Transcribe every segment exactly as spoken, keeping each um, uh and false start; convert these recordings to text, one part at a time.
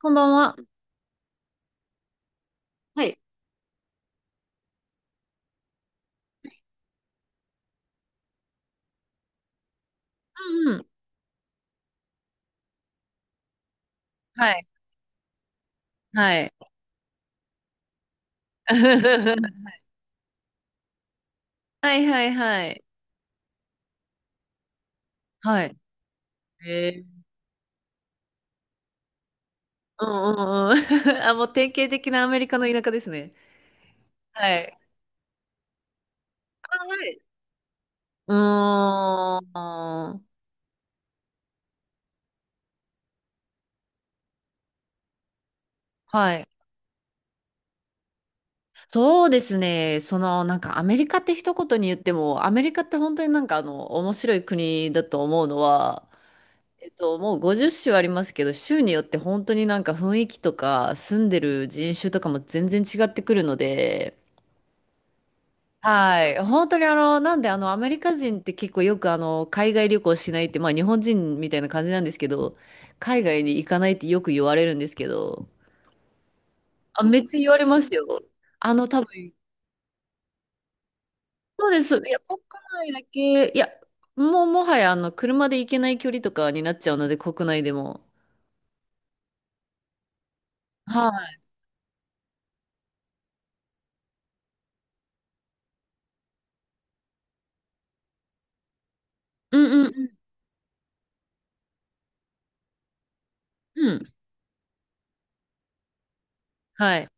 こんばんは。はい。うんうん。はい、はい。はいはいはい。はい。えー、うんうんうん。あ、もう典型的なアメリカの田舎ですね。はい。あ、はい。うーん。はい。そうですね。その、なんかアメリカって一言に言っても、アメリカって本当になんかあの、面白い国だと思うのは、えっと、もうごじゅっしゅう州ありますけど、州によって本当になんか雰囲気とか、住んでる人種とかも全然違ってくるので、はい。本当にあの、なんであの、アメリカ人って結構よくあの、海外旅行しないって、まあ日本人みたいな感じなんですけど、海外に行かないってよく言われるんですけど、あ、めっちゃ言われますよ。あの、多分、そうです。いや、国内だけ、いや、もうもはやあの、車で行けない距離とかになっちゃうので、国内でも。はい。うんうんうんうん。はい。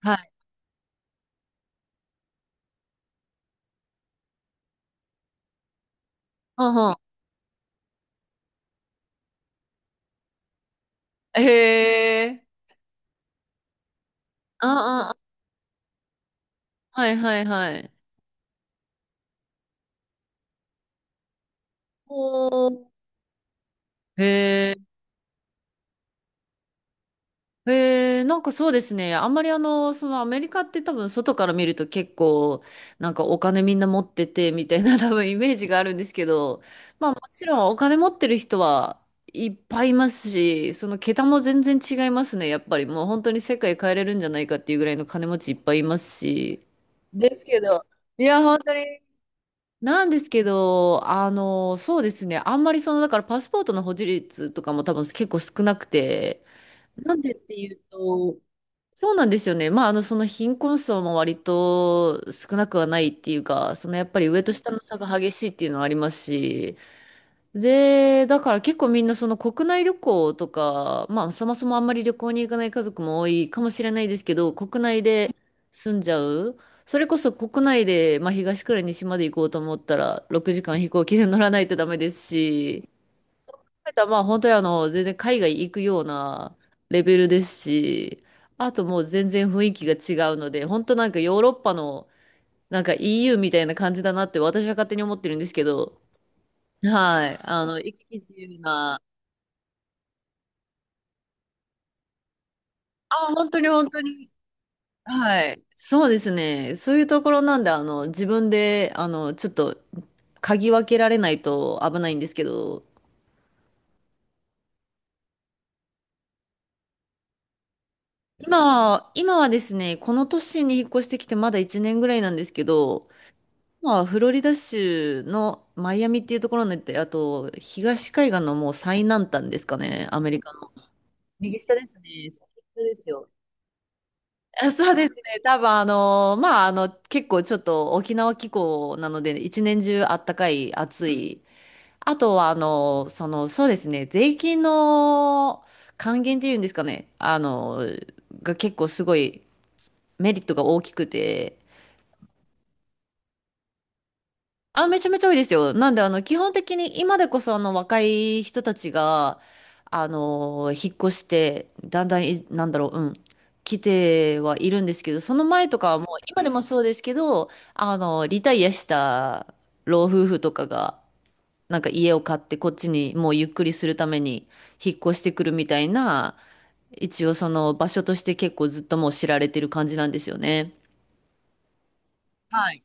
はい。うんうん。へえ。ああ、はいはいはい。おー。へえ。えー、なんかそうですね。あんまりあの、そのアメリカって多分外から見ると結構、なんかお金みんな持っててみたいな 多分イメージがあるんですけど、まあもちろんお金持ってる人はいっぱいいますし、その桁も全然違いますね。やっぱりもう本当に世界変えれるんじゃないかっていうぐらいの金持ちいっぱいいますし。ですけど、いや、本当に。なんですけど、あの、そうですね。あんまりその、だからパスポートの保持率とかも多分結構少なくて、なんでっていうと、そうなんですよね。まあ、あの、その貧困層も割と少なくはないっていうか、そのやっぱり上と下の差が激しいっていうのはありますし、で、だから結構みんなその国内旅行とか、まあ、そもそもあんまり旅行に行かない家族も多いかもしれないですけど、国内で住んじゃう。それこそ国内で、まあ、東から西まで行こうと思ったら、ろくじかん飛行機で乗らないとダメですし、たまあ本当にあの、全然海外行くようなレベルですし、あともう全然雰囲気が違うので、本当なんかヨーロッパのなんか イーユー みたいな感じだなって私は勝手に思ってるんですけど、はい。あの、行き来自由な、あ、本当に本当に、はい。そうですね。そういうところなんで、あの、自分で、あの、ちょっと、嗅ぎ分けられないと危ないんですけど、今は、今はですね、この都市に引っ越してきてまだいちねんぐらいなんですけど、まあ、フロリダ州のマイアミっていうところに行って、あと、東海岸のもう最南端ですかね、アメリカの。右下ですね。先っちょですよ。あ、そうですね。多分、あの、まあ、あの、結構ちょっと沖縄気候なので、一年中あったかい、暑い。あとは、あの、その、そうですね、税金の還元っていうんですかね、あの、が結構すごいメリットが大きくて、あ、めちゃめちゃ多いですよ。なんで、あの、基本的に今でこそ、あの、若い人たちが、あの、引っ越して、だんだんい、なんだろう、うん、来てはいるんですけど、その前とかはもう、今でもそうですけど、あの、リタイアした老夫婦とかが、なんか家を買って、こっちにもうゆっくりするために引っ越してくるみたいな、一応その場所として結構ずっともう知られてる感じなんですよね。はい。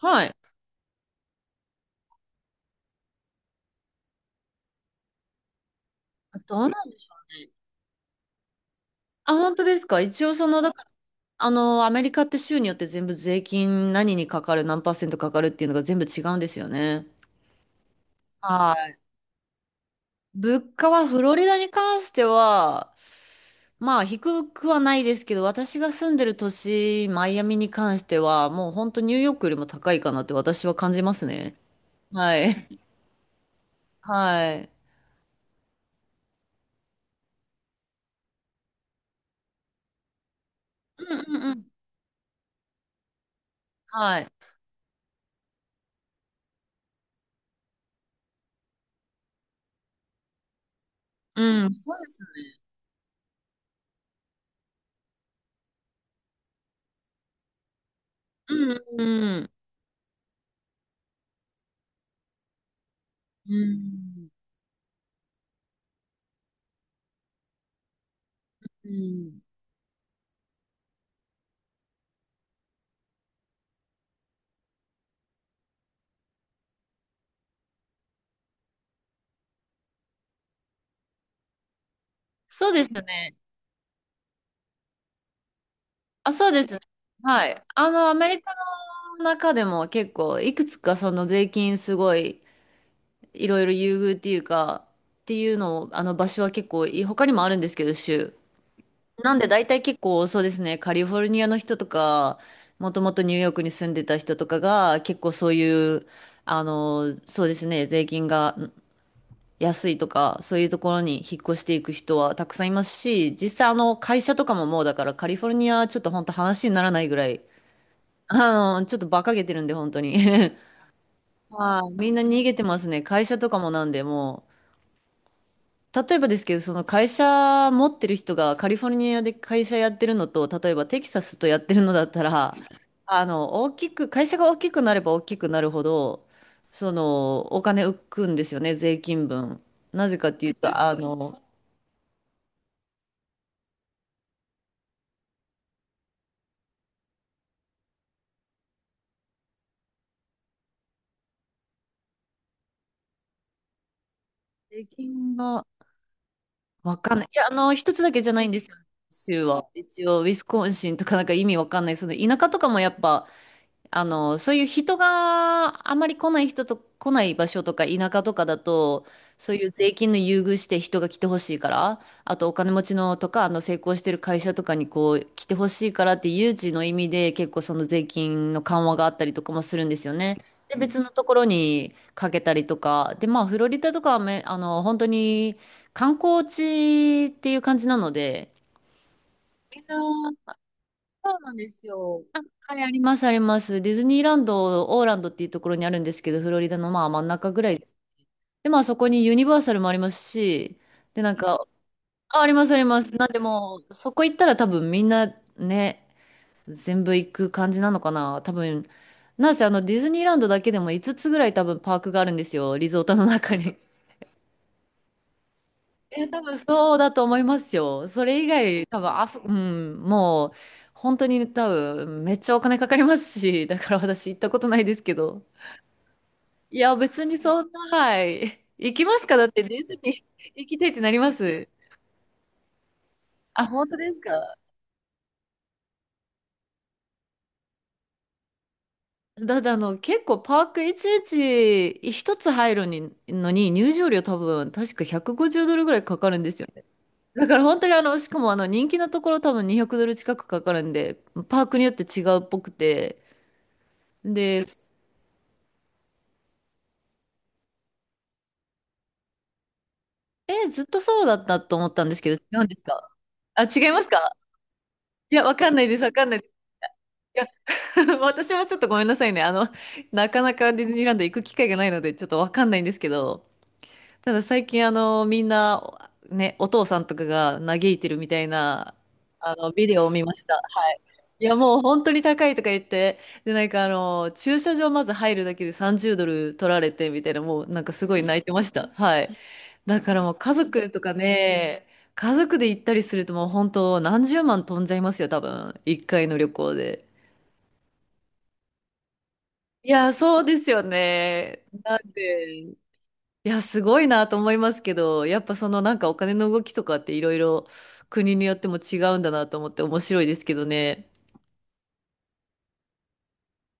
はい。どうなんでしょうね。あ、本当ですか？一応その、だからあの、アメリカって州によって全部税金何にかかる、何パーセントかかるっていうのが全部違うんですよね。はい。物価はフロリダに関しては、まあ低くはないですけど、私が住んでる都市、マイアミに関しては、もう本当ニューヨークよりも高いかなって私は感じますね。はい。はい。うんうんうん。はい。うん、そうですね。うんうんうん。うん。うん。そうですね。あ、そうですね。はい。あの、アメリカの中でも結構、いくつかその税金すごい、いろいろ優遇っていうか、っていうのを、あの場所は結構いい、他にもあるんですけど、州。なんで大体結構そうですね、カリフォルニアの人とか、もともとニューヨークに住んでた人とかが、結構そういう、あの、そうですね、税金がん安いとか、そういうところに引っ越していく人はたくさんいますし、実際あの会社とかももうだからカリフォルニアはちょっと本当話にならないぐらい、あの、ちょっと馬鹿げてるんで、本当に。はい、みんな逃げてますね。会社とかもなんで、もう、例えばですけど、その会社持ってる人がカリフォルニアで会社やってるのと、例えばテキサスとやってるのだったら、あの、大きく、会社が大きくなれば大きくなるほど、その、お金浮くんですよね、税金分。なぜかっていうと、あの、税金がわかんない。いや、あの、一つだけじゃないんですよ、州は。一応、ウィスコンシンとかなんか意味わかんない。その田舎とかもやっぱ、あの、そういう人があまり来ない人と来ない場所とか田舎とかだと、そういう税金の優遇して人が来てほしいから、あとお金持ちのとか、あの成功してる会社とかにこう来てほしいからっていう誘致の意味で結構その税金の緩和があったりとかもするんですよね。で、別のところにかけたりとか、で、まあフロリダとかはめ、あの、本当に観光地っていう感じなので、みんなそうなんですよ。あ、はい、あります、あります。ディズニーランド、オーランドっていうところにあるんですけど、フロリダのまあ真ん中ぐらいです。で、まあそこにユニバーサルもありますし、で、なんか、あ、あります、あります。なんでもう、そこ行ったら多分みんなね、全部行く感じなのかな。多分、なんせあのディズニーランドだけでもいつつつぐらい多分パークがあるんですよ、リゾートの中に。え、多分そうだと思いますよ。それ以外、多分あそ、うん、もう、本当に多分、めっちゃお金かかりますし、だから私行ったことないですけど。いや、別にそんな、はい。行きますか？だって、ディズニー 行きたいってなります。あ、本当ですか？だってあの、結構パークいちいち一つ入るにのに入場料多分、確かひゃくごじゅうドルぐらいかかるんですよね。だから本当にあの、しかもあの、人気なところ多分にひゃくドル近くかかるんで、パークによって違うっぽくて、で、え、ずっとそうだったと思ったんですけど、違うんですか？あ、違いますか？いや、わかんないです、わかんないです。いや、私もちょっとごめんなさいね。あの、なかなかディズニーランド行く機会がないので、ちょっとわかんないんですけど、ただ最近、あの、みんな、ね、お父さんとかが嘆いてるみたいな、あの、ビデオを見ました。はい。いや、もう本当に高いとか言って、で、なんかあの、駐車場まず入るだけでさんじゅうドル取られて、みたいな、もうなんかすごい泣いてました。はい。だからもう家族とかね、家族で行ったりするともう本当何十万飛んじゃいますよ、多分。一回の旅行で。いや、そうですよね。なんで、いや、すごいなと思いますけど、やっぱそのなんかお金の動きとかっていろいろ国によっても違うんだなと思って面白いですけどね。